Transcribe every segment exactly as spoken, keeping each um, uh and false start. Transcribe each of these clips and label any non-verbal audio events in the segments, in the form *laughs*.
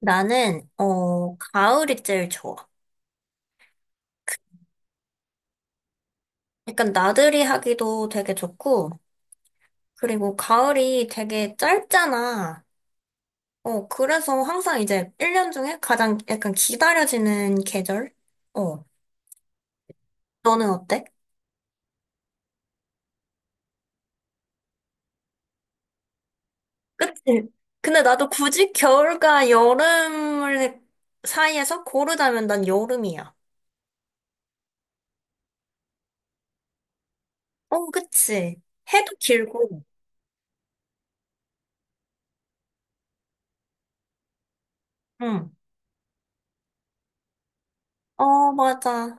나는, 어, 가을이 제일 좋아. 약간 나들이 하기도 되게 좋고, 그리고 가을이 되게 짧잖아. 어, 그래서 항상 이제 일 년 중에 가장 약간 기다려지는 계절? 어, 너는 어때? 그치? 근데 나도 굳이 겨울과 여름을 사이에서 고르자면 난 여름이야. 어, 그치. 해도 길고. 응. 어, 맞아.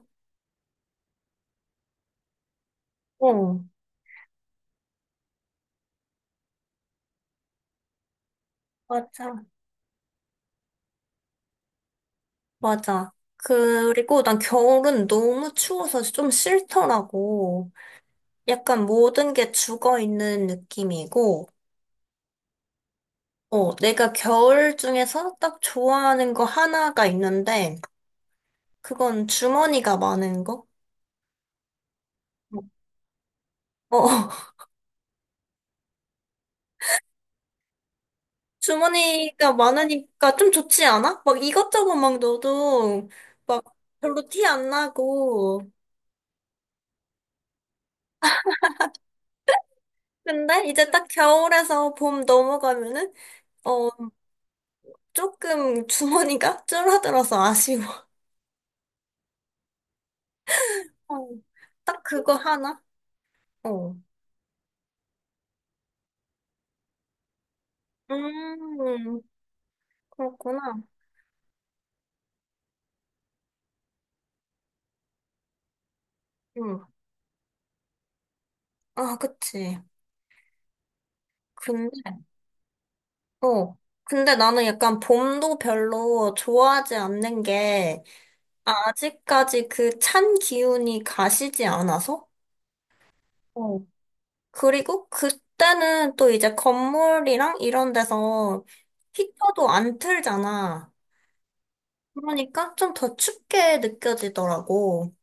어, 맞아. 맞아. 그리고 난 겨울은 너무 추워서 좀 싫더라고. 약간 모든 게 죽어 있는 느낌이고, 어, 내가 겨울 중에서 딱 좋아하는 거 하나가 있는데, 그건 주머니가 많은 거? 어, *laughs* 주머니가 많으니까 좀 좋지 않아? 막 이것저것 막 넣어도 막 별로 티 안 나고. 근데 이제 딱 겨울에서 봄 넘어가면은, 어, 조금 주머니가 *laughs* 줄어들어서 아쉬워. 어, 딱 그거 하나? 어. 음, 그렇구나. 응. 아, 그치. 근데, 어. 근데 나는 약간 봄도 별로 좋아하지 않는 게 아직까지 그 찬 기운이 가시지 않아서? 어. 그리고 그때는 또 이제 건물이랑 이런 데서 히터도 안 틀잖아. 그러니까 좀 더 춥게 느껴지더라고.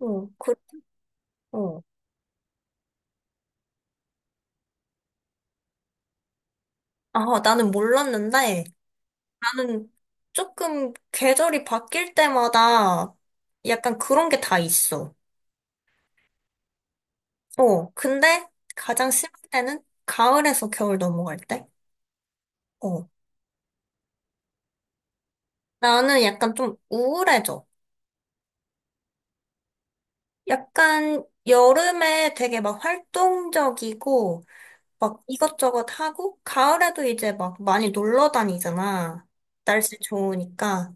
어, 그- 어, 아, 나는 몰랐는데 나는 조금 계절이 바뀔 때마다 약간 그런 게 다 있어. 어, 근데 가장 심할 때는 가을에서 겨울 넘어갈 때? 어, 나는 약간 좀 우울해져. 약간 여름에 되게 막 활동적이고 막 이것저것 하고 가을에도 이제 막 많이 놀러 다니잖아. 날씨 좋으니까.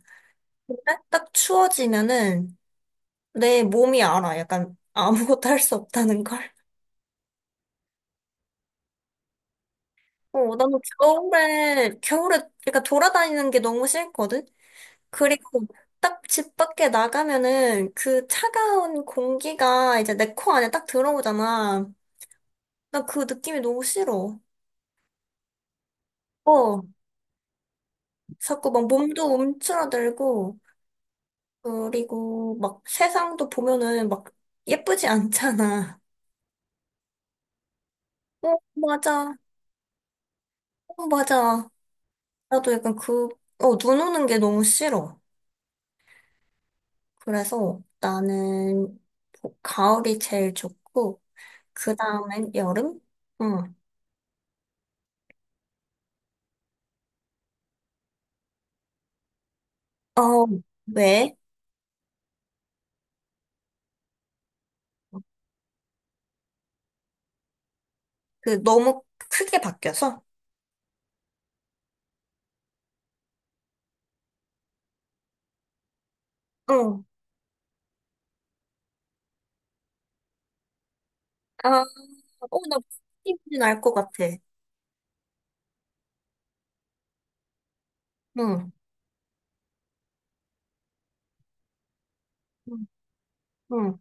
근데 딱 추워지면은 내 몸이 알아. 약간 아무것도 할 수 없다는 걸. 어, 나는 겨울에, 겨울에, 그러니까 돌아다니는 게 너무 싫거든? 그리고 딱 집 밖에 나가면은 그 차가운 공기가 이제 내 코 안에 딱 들어오잖아. 나 그 느낌이 너무 싫어. 어, 자꾸 막 몸도 움츠러들고, 그리고 막 세상도 보면은 막 예쁘지 않잖아. 어, 맞아. 어, 맞아. 나도 약간 그, 어, 눈 오는 게 너무 싫어. 그래서 나는 보- 가을이 제일 좋고, 그 다음엔 여름? 응. 어, 왜? 그 너무 크게 바뀌어서? 응. 아, 어, 나 무슨 알것 같아. 응. 응. 응.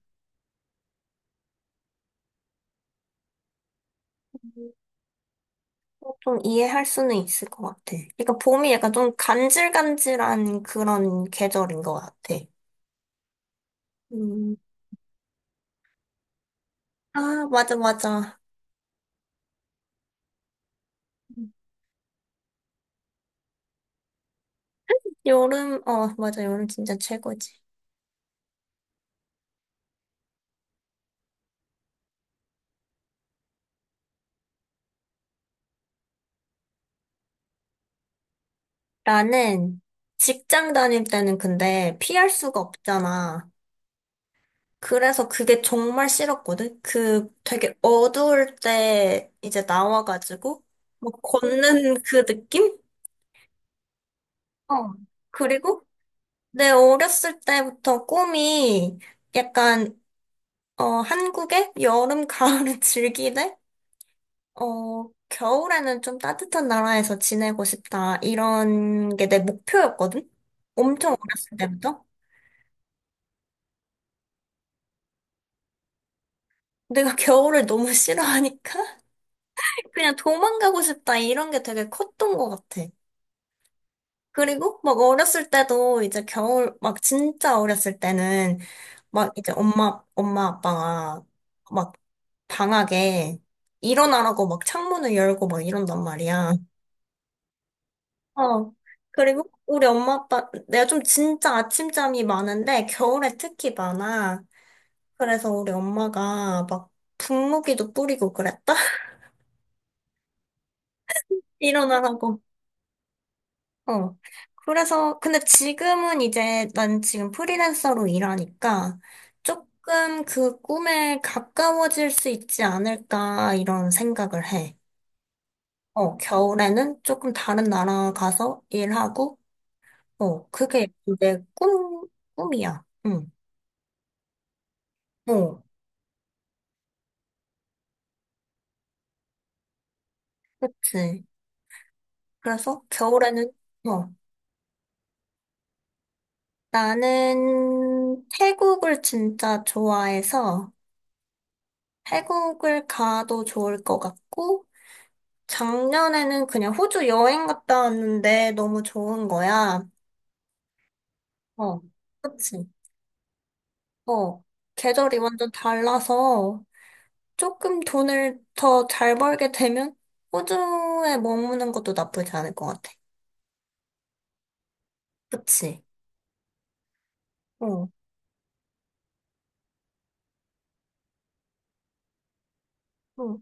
어, 좀 이해할 수는 있을 것 같아. 그러니까 봄이 약간 좀 간질간질한 그런 계절인 것 같아. 음. 아, 맞아, 맞아. 여름, 어, 맞아. 여름 진짜 최고지. 나는 직장 다닐 때는 근데 피할 수가 없잖아. 그래서 그게 정말 싫었거든? 그 되게 어두울 때 이제 나와가지고, 뭐 걷는 그 느낌? 어. 그리고 내 어렸을 때부터 꿈이 약간, 어, 한국의 여름, *laughs* 가을을 즐기되, 어, 겨울에는 좀 따뜻한 나라에서 지내고 싶다. 이런 게 내 목표였거든? 엄청 어렸을 때부터. 내가 겨울을 너무 싫어하니까 *laughs* 그냥 도망가고 싶다 이런 게 되게 컸던 것 같아. 그리고 막 어렸을 때도 이제 겨울 막 진짜 어렸을 때는 막 이제 엄마 엄마 아빠가 막 방학에 일어나라고 막 창문을 열고 막 이런단 말이야. 어. 그리고 우리 엄마 아빠 내가 좀 진짜 아침잠이 많은데 겨울에 특히 많아. 그래서 우리 엄마가 막 분무기도 뿌리고 그랬다. *laughs* 일어나라고. 어. 그래서, 근데 지금은 이제 난 지금 프리랜서로 일하니까 조금 그 꿈에 가까워질 수 있지 않을까 이런 생각을 해. 어, 겨울에는 조금 다른 나라 가서 일하고, 어, 그게 내 꿈, 꿈이야. 응, 어, 그치. 그래서 겨울에는, 어, 나는 태국을 진짜 좋아해서 태국을 가도 좋을 것 같고, 작년에는 그냥 호주 여행 갔다 왔는데 너무 좋은 거야. 어, 그치. 어, 계절이 완전 달라서 조금 돈을 더 잘 벌게 되면 호주에 머무는 것도 나쁘지 않을 것 같아. 그치. 어, 어,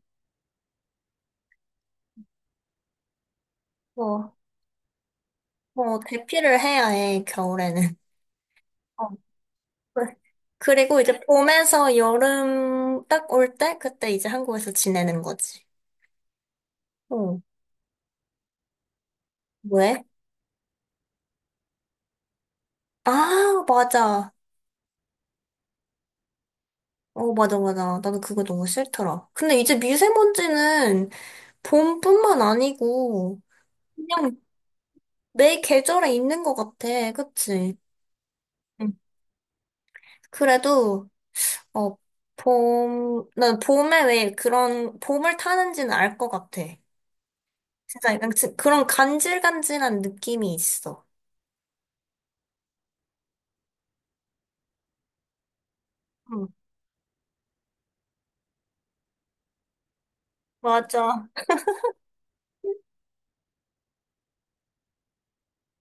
어, 어, 대피를 해야 해, 겨울에는. 어, 그- 그리고 이제 봄에서 여름 딱 올 때, 그때 이제 한국에서 지내는 거지. 어, 왜? 아, 맞아. 어, 맞아, 맞아. 나도 그거 너무 싫더라. 근데 이제 미세먼지는 봄뿐만 아니고 그냥 매 계절에 있는 것 같아. 그치? 응. 그래도, 어, 봄, 난 봄에 왜 그런, 봄을 타는지는 알 것 같아. 진짜 약간 지- 그런 간질간질한 느낌이 있어. 응, 맞아.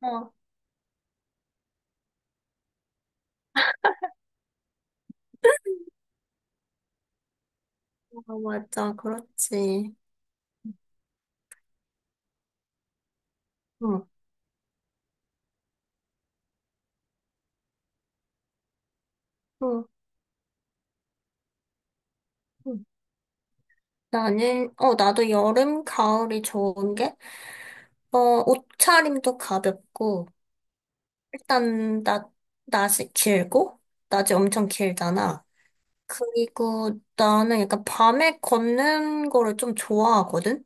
어, 어, 맞아. 그렇지. 응, 응, 응. 나는, 어, 나도 여름, 가을이 좋은 게 어, 옷차림도 가볍고, 일단, 낮, 낮이 길고, 낮이 엄청 길잖아. 그리고 나는 약간 밤에 걷는 거를 좀 좋아하거든?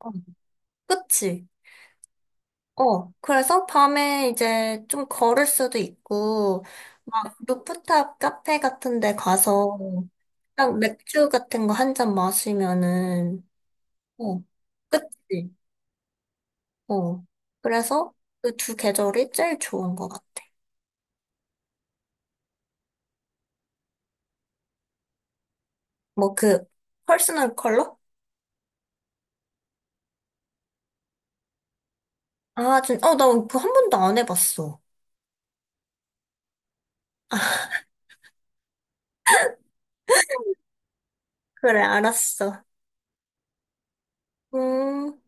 어. 그치? 어, 그래서 밤에 이제 좀 걸을 수도 있고, 막 루프탑 카페 같은 데 가서, 딱 맥주 같은 거 한 잔 마시면은, 어, 그치? 어. 그래서 그 두 계절이 제일 좋은 것 같아. 뭐 그 퍼스널 컬러? 아, 진, 어, 나 그거 한 번도 안 해봤어. 아, 그래, 알았어. 음.